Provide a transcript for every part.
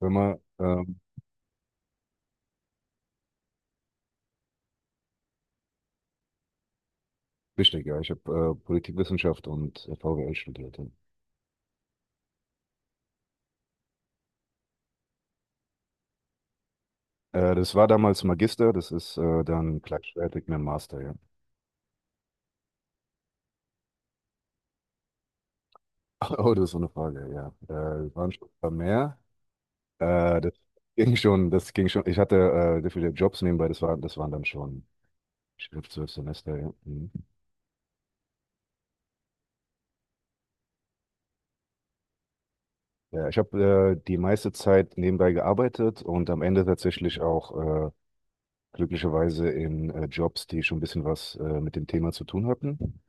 Hör mal, ähm, Richtig, ja, ich habe Politikwissenschaft und VWL studiert. Ja. Das war damals Magister, das ist dann gleichwertig mit dem Master, ja. Oh, das ist so eine Frage, ja. Es waren schon ein paar mehr. Das ging schon, das ging schon. Ich hatte sehr viele Jobs nebenbei, das waren dann schon fünf, zwölf Semester, ja. Mhm. Ja, ich habe die meiste Zeit nebenbei gearbeitet und am Ende tatsächlich auch glücklicherweise in Jobs, die schon ein bisschen was mit dem Thema zu tun hatten.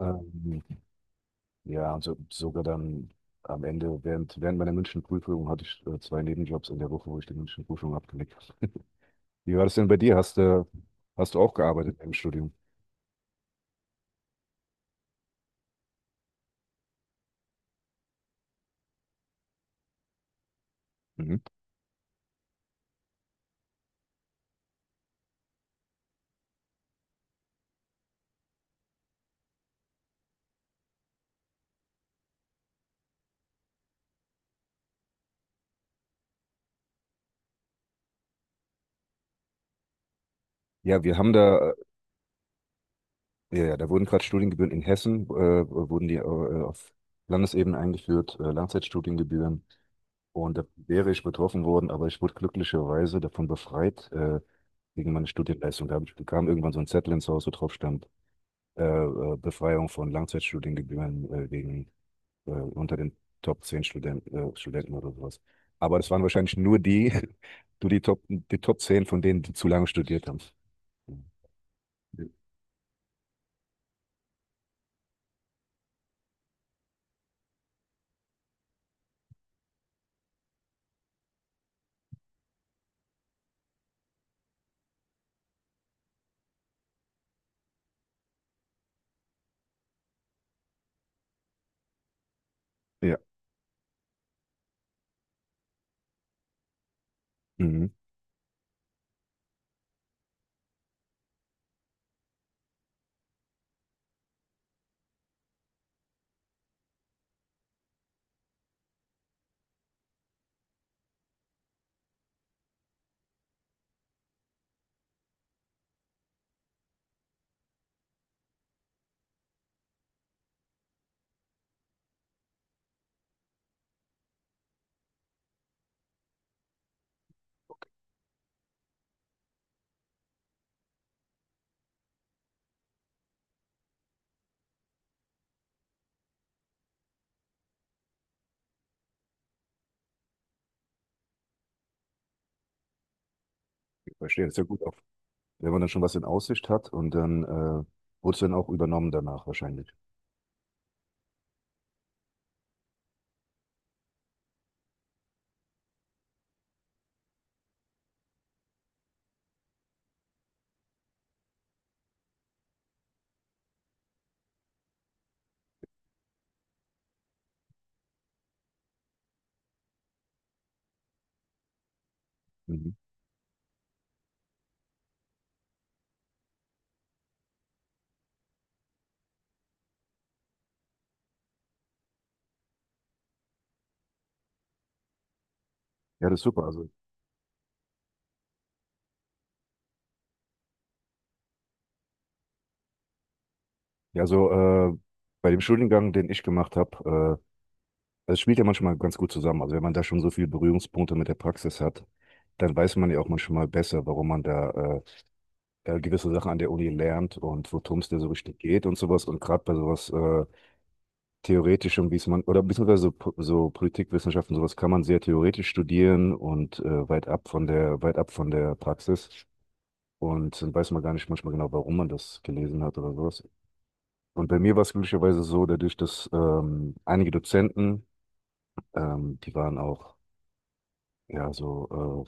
Ähm, Ja, und sogar dann am Ende, während meiner Münchenprüfung hatte ich zwei Nebenjobs in der Woche, wo ich die Münchenprüfung abgelegt habe. Wie war das denn bei dir? Hast du auch gearbeitet im Studium? Mhm. Ja, wir haben da, ja, da wurden gerade Studiengebühren in Hessen, wurden die auf Landesebene eingeführt, Langzeitstudiengebühren. Und da wäre ich betroffen worden, aber ich wurde glücklicherweise davon befreit, wegen meiner Studienleistung. Bekam irgendwann so ein Zettel ins Haus, wo drauf stand, Befreiung von Langzeitstudiengebühren wegen unter den Top 10 Studenten, Studenten oder sowas. Aber das waren wahrscheinlich nur die, die Top 10 von denen, die zu lange studiert haben. Ja. Ja, mhm. Ich verstehe. Das ist ja gut auch, wenn man dann schon was in Aussicht hat und dann wurde es dann auch übernommen danach wahrscheinlich. Mhm. Ja, das ist super. Also, ja, so bei dem Studiengang, den ich gemacht habe, das spielt ja manchmal ganz gut zusammen. Also wenn man da schon so viele Berührungspunkte mit der Praxis hat, dann weiß man ja auch manchmal besser, warum man da gewisse Sachen an der Uni lernt und worum es da so richtig geht und sowas. Und gerade bei sowas Theoretischem, wie es man, oder beziehungsweise so, so Politikwissenschaften, sowas kann man sehr theoretisch studieren und weit ab von der, weit ab von der Praxis. Und dann weiß man gar nicht manchmal genau, warum man das gelesen hat oder sowas. Und bei mir war es glücklicherweise so, dadurch, dass einige Dozenten, die waren auch ja, so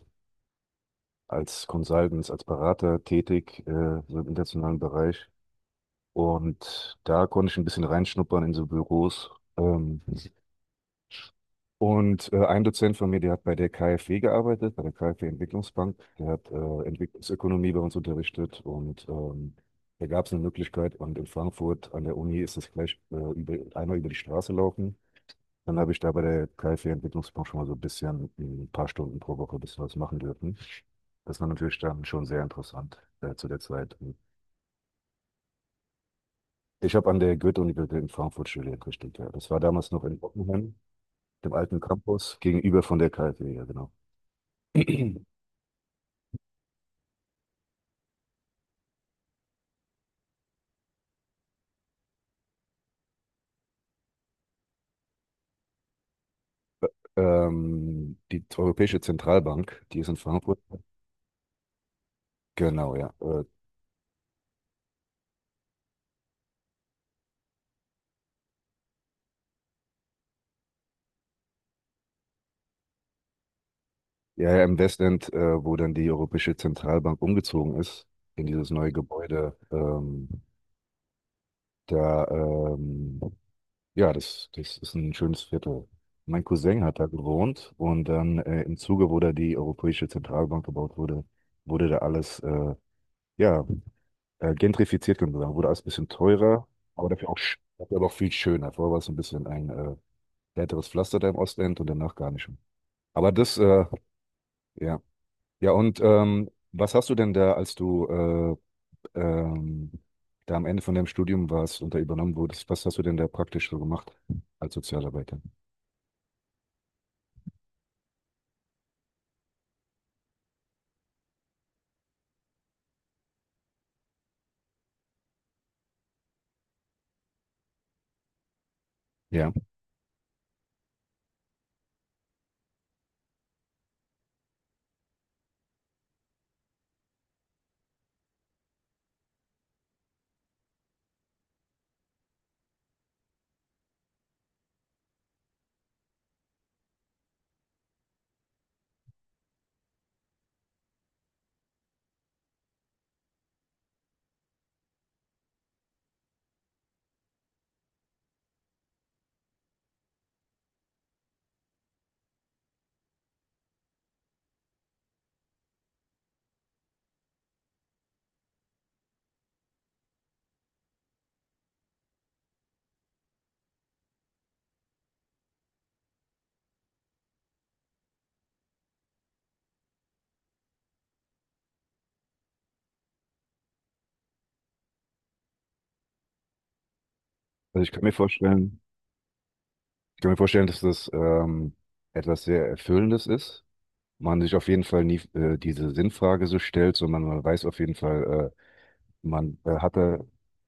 als Consultants, als Berater tätig, so im internationalen Bereich. Und da konnte ich ein bisschen reinschnuppern in so Büros. Ähm, ein Dozent von mir, der hat bei der KfW gearbeitet, bei der KfW Entwicklungsbank. Der hat Entwicklungsökonomie bei uns unterrichtet und da gab es eine Möglichkeit. Und in Frankfurt an der Uni ist das gleich einmal über die Straße laufen. Dann habe ich da bei der KfW-Entwicklungsbank schon mal so ein bisschen, ein paar Stunden pro Woche ein bisschen was machen dürfen. Das war natürlich dann schon sehr interessant zu der Zeit. Ich habe an der Goethe-Universität in Frankfurt studiert, richtig. Ja. Das war damals noch in Bockenheim, dem alten Campus, gegenüber von der KfW, ja genau. Die Europäische Zentralbank, die ist in Frankfurt. Genau, ja. Ja, im Westend, wo dann die Europäische Zentralbank umgezogen ist, in dieses neue Gebäude, da ja, das ist ein schönes Viertel. Mein Cousin hat da gewohnt und dann im Zuge, wo da die Europäische Zentralbank gebaut wurde, wurde da alles ja, gentrifiziert, kann man sagen. Wurde alles ein bisschen teurer, aber dafür auch, dafür aber auch viel schöner. Vorher war es ein bisschen ein härteres Pflaster da im Ostend und danach gar nicht mehr. Aber das, äh, ja. Ja, und was hast du denn da, als du ähm, da am Ende von deinem Studium warst und da übernommen wurdest, was hast du denn da praktisch so gemacht als Sozialarbeiter? Also ich kann mir vorstellen, Ich kann mir vorstellen, dass das etwas sehr Erfüllendes ist. Man sich auf jeden Fall nie diese Sinnfrage so stellt, sondern man weiß auf jeden Fall, man äh, hat da,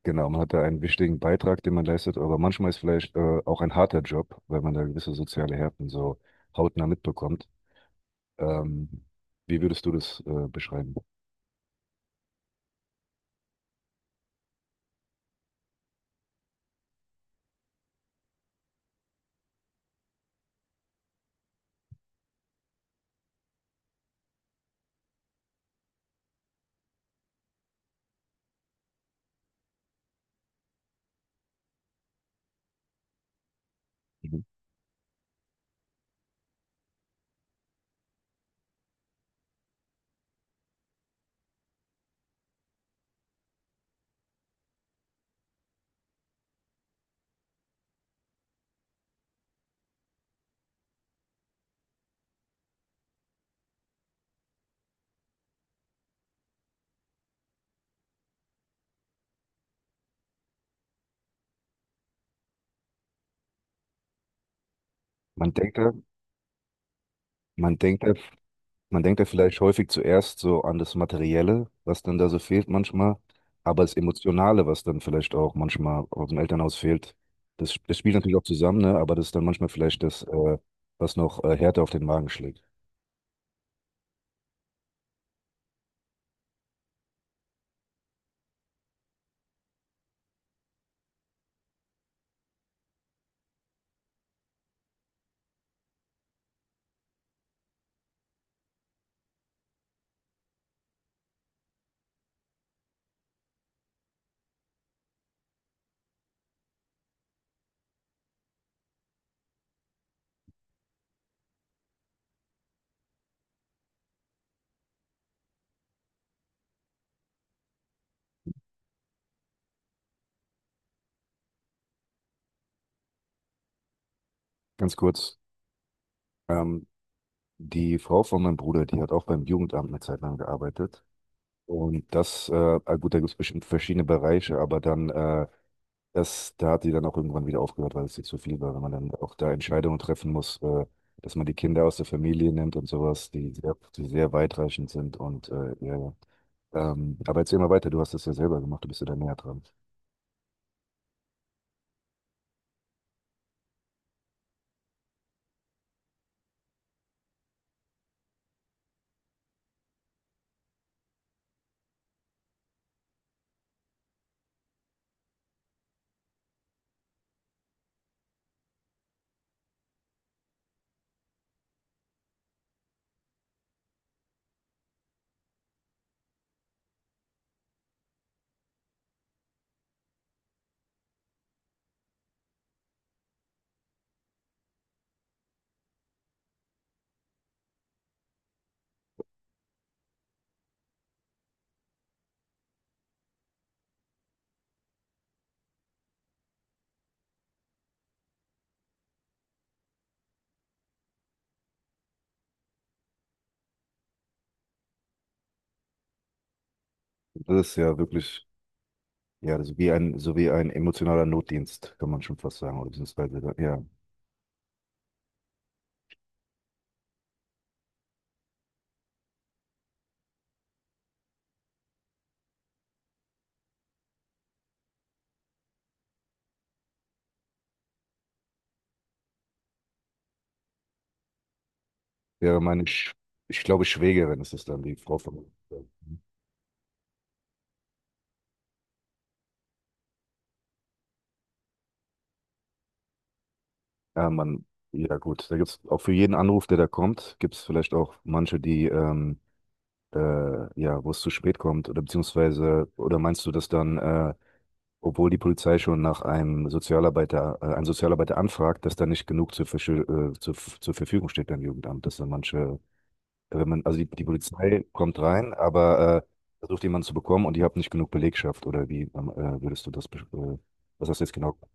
genau, man hat da einen wichtigen Beitrag, den man leistet, aber manchmal ist vielleicht auch ein harter Job, weil man da gewisse soziale Härten so hautnah mitbekommt. Ähm, Wie würdest du das beschreiben? Mhm. Man denkt da, man denkt da Man denkt ja vielleicht häufig zuerst so an das Materielle, was dann da so fehlt manchmal, aber das Emotionale, was dann vielleicht auch manchmal aus dem Elternhaus fehlt, das spielt natürlich auch zusammen, ne? Aber das ist dann manchmal vielleicht das, was noch härter auf den Magen schlägt. Ganz kurz, ähm, die Frau von meinem Bruder, die hat auch beim Jugendamt eine Zeit lang gearbeitet. Und das, äh, ah, gut, da gibt es bestimmt verschiedene Bereiche, aber dann das, da hat die dann auch irgendwann wieder aufgehört, weil es ihr zu viel war, wenn man dann auch da Entscheidungen treffen muss, dass man die Kinder aus der Familie nimmt und sowas, die sehr weitreichend sind und ja. Ja. Aber erzähl mal weiter, du hast das ja selber gemacht, du bist ja da näher dran. Das ist ja wirklich, Ja, das ist wie ein, so wie ein emotionaler Notdienst, kann man schon fast sagen, oder beziehungsweise, ja, wäre meine, Sch ich glaube, Schwägerin ist es dann, die Frau von, ja, man, ja gut, da gibt es auch für jeden Anruf, der da kommt, gibt es vielleicht auch manche, ja, wo es zu spät kommt oder beziehungsweise, oder meinst du, dass dann, obwohl die Polizei schon nach einem Sozialarbeiter, einen Sozialarbeiter anfragt, dass da nicht genug zur Verfügung steht beim Jugendamt, dass dann manche, wenn man, die Polizei kommt rein, aber versucht jemanden zu bekommen und ihr habt nicht genug Belegschaft oder wie würdest du das, äh, was hast du jetzt genau gesagt?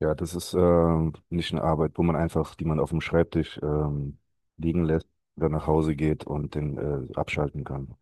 Ja, das ist nicht eine Arbeit, wo man einfach, die man auf dem Schreibtisch liegen lässt oder nach Hause geht und den abschalten kann.